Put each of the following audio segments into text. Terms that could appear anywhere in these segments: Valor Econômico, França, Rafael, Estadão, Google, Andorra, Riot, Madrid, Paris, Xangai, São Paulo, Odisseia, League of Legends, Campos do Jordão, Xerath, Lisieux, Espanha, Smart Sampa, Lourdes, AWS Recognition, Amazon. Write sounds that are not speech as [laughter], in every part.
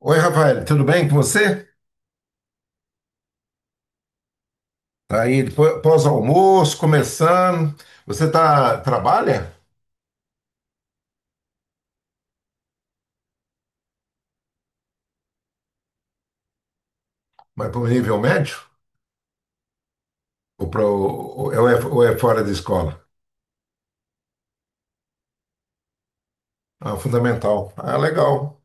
Oi, Rafael, tudo bem com você? Tá aí, pós-almoço, começando. Você tá, trabalha? Mas para o nível médio? Ou, pra, ou é fora da escola? Ah, fundamental. Ah, legal.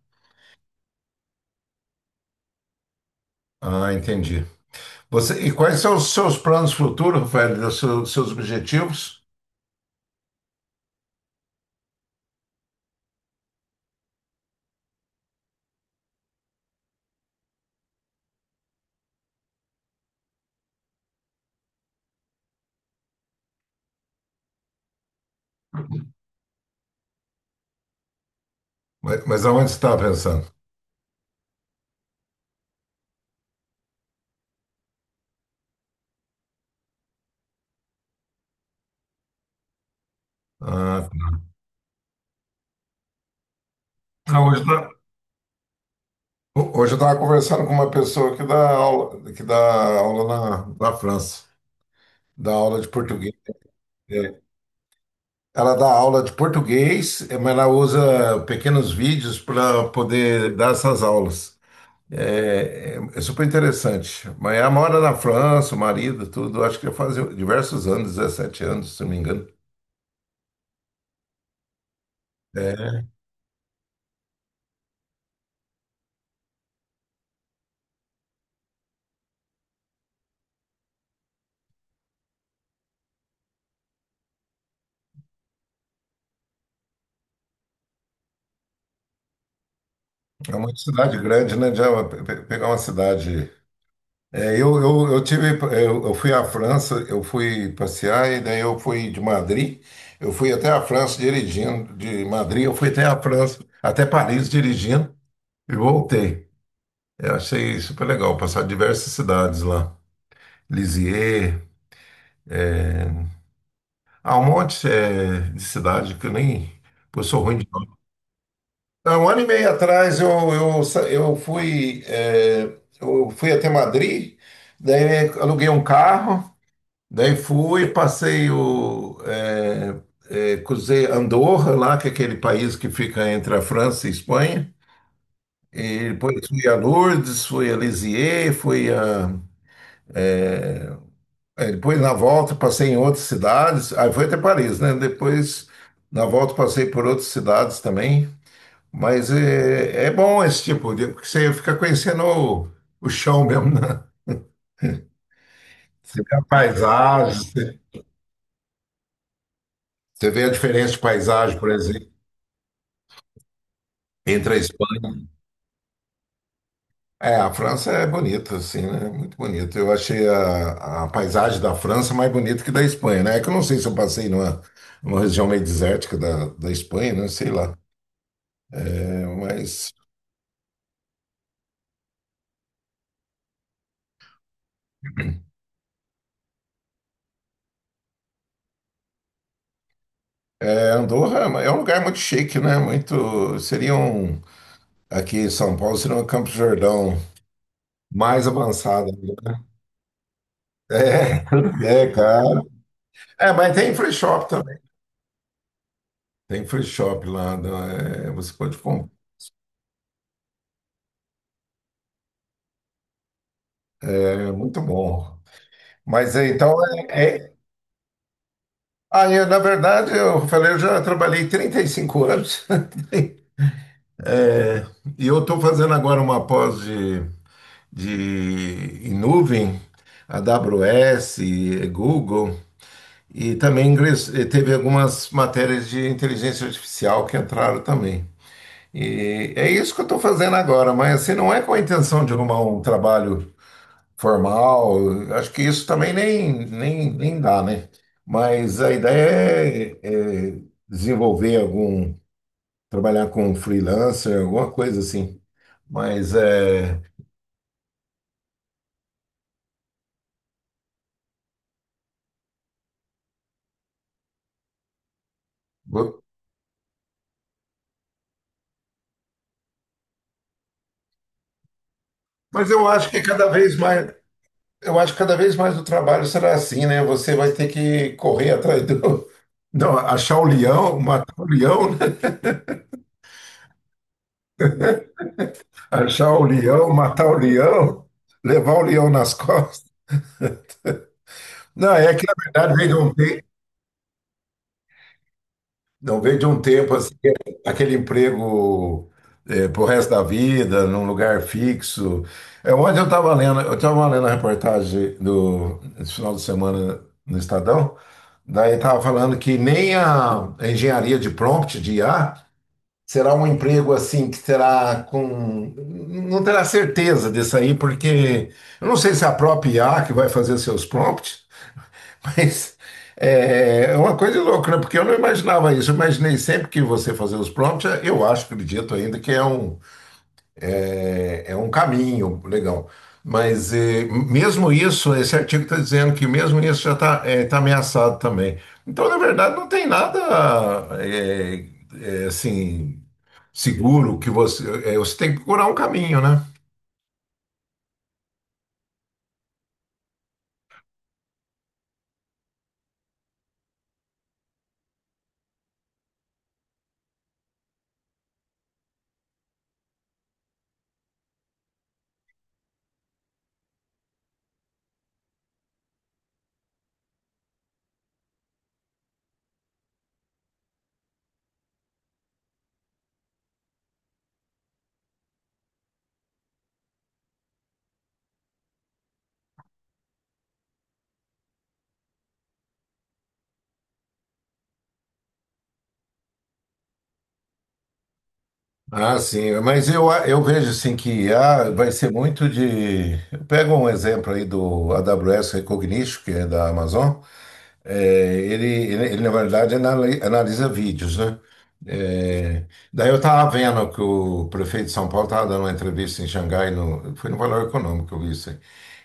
Ah, entendi. E quais são os seus planos futuros, Rafael, os seus objetivos? Mas aonde você está pensando? Ah, não, hoje eu estava conversando com uma pessoa que dá aula na França, dá aula de português. É, Ela dá aula de português, mas ela usa pequenos vídeos para poder dar essas aulas. É super interessante. Mas ela mora na França, o marido, tudo. Acho que já faz diversos anos, 17 anos, se não me engano. É, é uma cidade grande, né? Já pegar uma cidade. É, eu, eu, eu tive, eu fui à França, eu fui passear e daí eu fui de Madrid, eu fui até a França dirigindo, de Madrid eu fui até a França, até Paris dirigindo e voltei. Eu achei super legal passar diversas cidades lá. Lisieux, há um monte de cidade que eu nem. Pô, eu sou ruim de nome. Há um ano e meio atrás eu, sa- eu fui, eh, eu fui até Madrid, daí aluguei um carro, daí fui, passei o. eh, eh, cruzei Andorra lá, que é aquele país que fica entre a França e a Espanha. E depois fui a Lourdes, fui a Lisieux, fui a aí depois, na volta, passei em outras cidades. Aí foi até Paris, né? Depois, na volta, passei por outras cidades também. Mas é bom esse tipo de... Porque você fica conhecendo o chão mesmo, né? Você vê a paisagem, você vê a diferença de paisagem, por exemplo, entre a Espanha. É, a França é bonita, assim, né? Muito bonita. Eu achei a paisagem da França mais bonita que da Espanha, né? É que eu não sei se eu passei numa região meio desértica da Espanha, né? Sei lá. É, mas... É, Andorra é um lugar muito chique, né? Muito. Seria um. Aqui em São Paulo seria um Campos do Jordão mais avançado, né? É, [laughs] é, claro. É, mas tem free shop também. Tem free shop lá, né? É, você pode comprar. É muito bom. Mas é, então. É... Ah, eu, na verdade, eu falei, eu já trabalhei 35 anos. [laughs] É, e eu estou fazendo agora uma pós de em nuvem, AWS, Google. E também teve algumas matérias de inteligência artificial que entraram também. E é isso que eu estou fazendo agora, mas assim, não é com a intenção de arrumar um trabalho formal, acho que isso também nem dá, né? Mas a ideia é desenvolver algum, trabalhar com um freelancer, alguma coisa assim. Mas, é, vou- mas eu acho que cada vez mais. Eu acho que cada vez mais o trabalho será assim, né? Você vai ter que correr atrás do. Não, achar o leão, matar o leão, né? Achar o leão, matar o leão, levar o leão nas costas. Não, é que na verdade veio de um tempo, não, veio de um tempo assim, aquele emprego é, pro resto da vida, num lugar fixo. É, ontem eu estava lendo, a reportagem do esse final de semana no Estadão, daí estava falando que nem a engenharia de prompt de IA. Será um emprego assim que terá com. Não terá certeza disso aí, porque eu não sei se é a própria I A que vai fazer seus prompts, [laughs] mas é uma coisa louca, né? Porque eu não imaginava isso. Eu imaginei sempre que você fazer os prompts, eu acho, acredito ainda, que é um, é um caminho legal. Mas mesmo isso, esse artigo está dizendo que mesmo isso já está ameaçado também. Então, na verdade, não tem nada eh, assim seguro que você. Você tem que procurar um caminho, né? Ah, sim, mas eu vejo assim que vai ser muito de. Pega um exemplo aí do AWS Recognition, que é da Amazon. É, ele, na verdade, analisa vídeos, né? É, daí eu estava vendo que o prefeito de São Paulo estava dando uma entrevista em Xangai, foi no Valor Econômico que eu vi isso aí.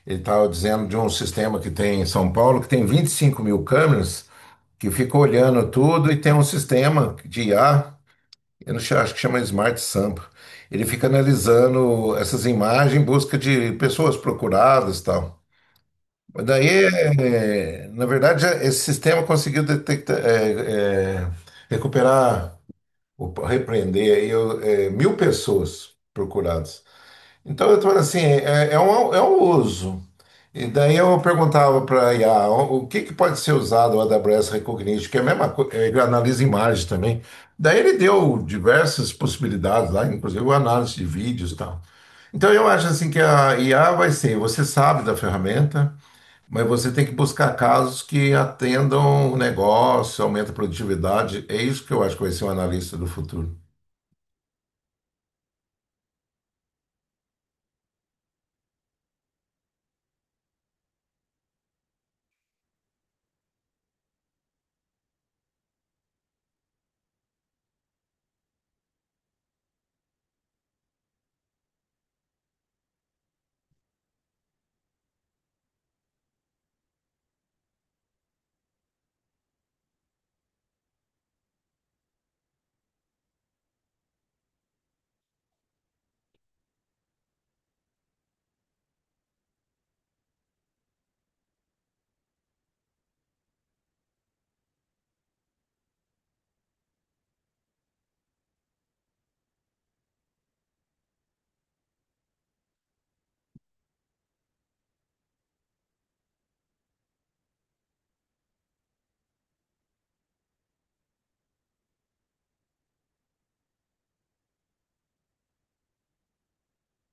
Ele estava dizendo de um sistema que tem em São Paulo, que tem 25.000 câmeras, que fica olhando tudo e tem um sistema de IA, eu não sei, acho que chama Smart Sampa. Ele fica analisando essas imagens em busca de pessoas procuradas e tal. Mas daí, na verdade, esse sistema conseguiu detectar, recuperar, opa, repreender aí, 1.000 pessoas procuradas. Então, eu estou assim, é um uso. E daí eu perguntava para a IA, o que pode ser usado o AWS Recognition, que é a mesma coisa, ele analisa imagem também. Daí ele deu diversas possibilidades lá, inclusive análise de vídeos e tal. Então, eu acho assim que a IA vai ser, você sabe da ferramenta, mas você tem que buscar casos que atendam o negócio, aumenta a produtividade. É isso que eu acho que vai ser um analista do futuro.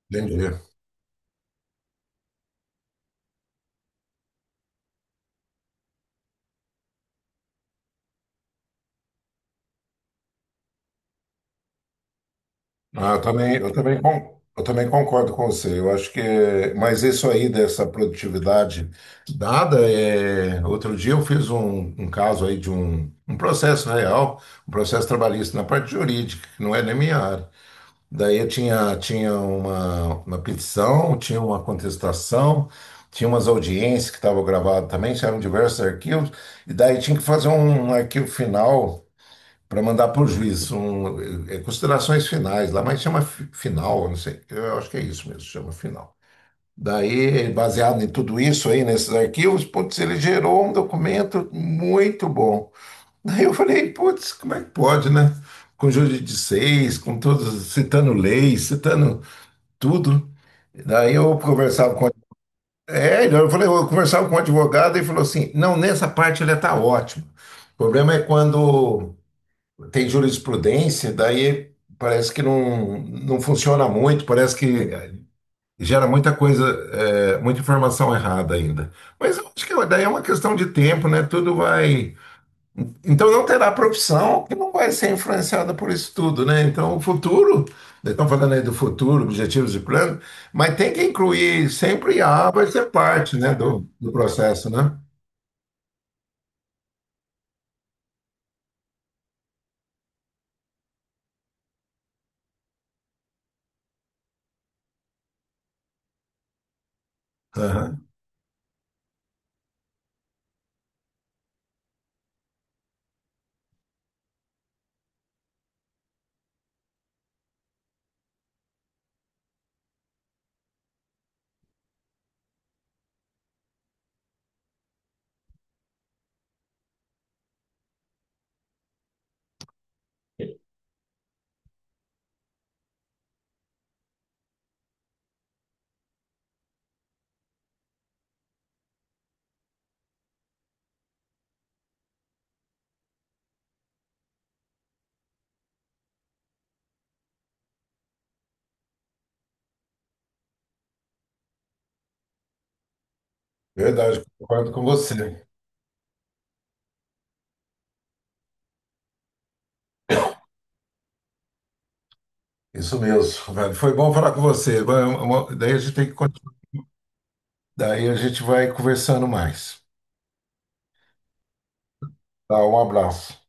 Entendi. Ah, eu também concordo com você. Eu acho que, mas isso aí dessa produtividade dada, outro dia eu fiz um caso aí de um processo real, um processo trabalhista na parte jurídica, que não é nem minha área. Daí eu tinha uma petição, tinha uma contestação, tinha umas audiências que estavam gravadas também, eram diversos arquivos, e daí tinha que fazer um arquivo final para mandar para o juiz, considerações finais lá, mas chama final, eu não sei, eu acho que é isso mesmo, chama final. Daí, baseado em tudo isso aí, nesses arquivos, putz, ele gerou um documento muito bom. Aí eu falei, putz, como é que pode, né? Com júri de seis, com todos, citando leis, citando tudo. Daí eu conversava com. É, então eu falei, eu conversava com o advogado e falou assim: não, nessa parte ele está ótimo. O problema é quando tem jurisprudência, daí parece que não, não funciona muito, parece que gera muita coisa, muita informação errada ainda. Mas eu acho que daí é uma questão de tempo, né? Tudo vai. Então não terá profissão que não vai ser influenciada por isso tudo, né? Então o futuro, né, estão falando aí do futuro, objetivos e plano, mas tem que incluir sempre a IA vai ser parte, né, do processo, né? Aham. Verdade, concordo com você. Isso mesmo, velho. Foi bom falar com você. Vai, daí a gente tem que continuar. Daí a gente vai conversando mais. Tá, um abraço.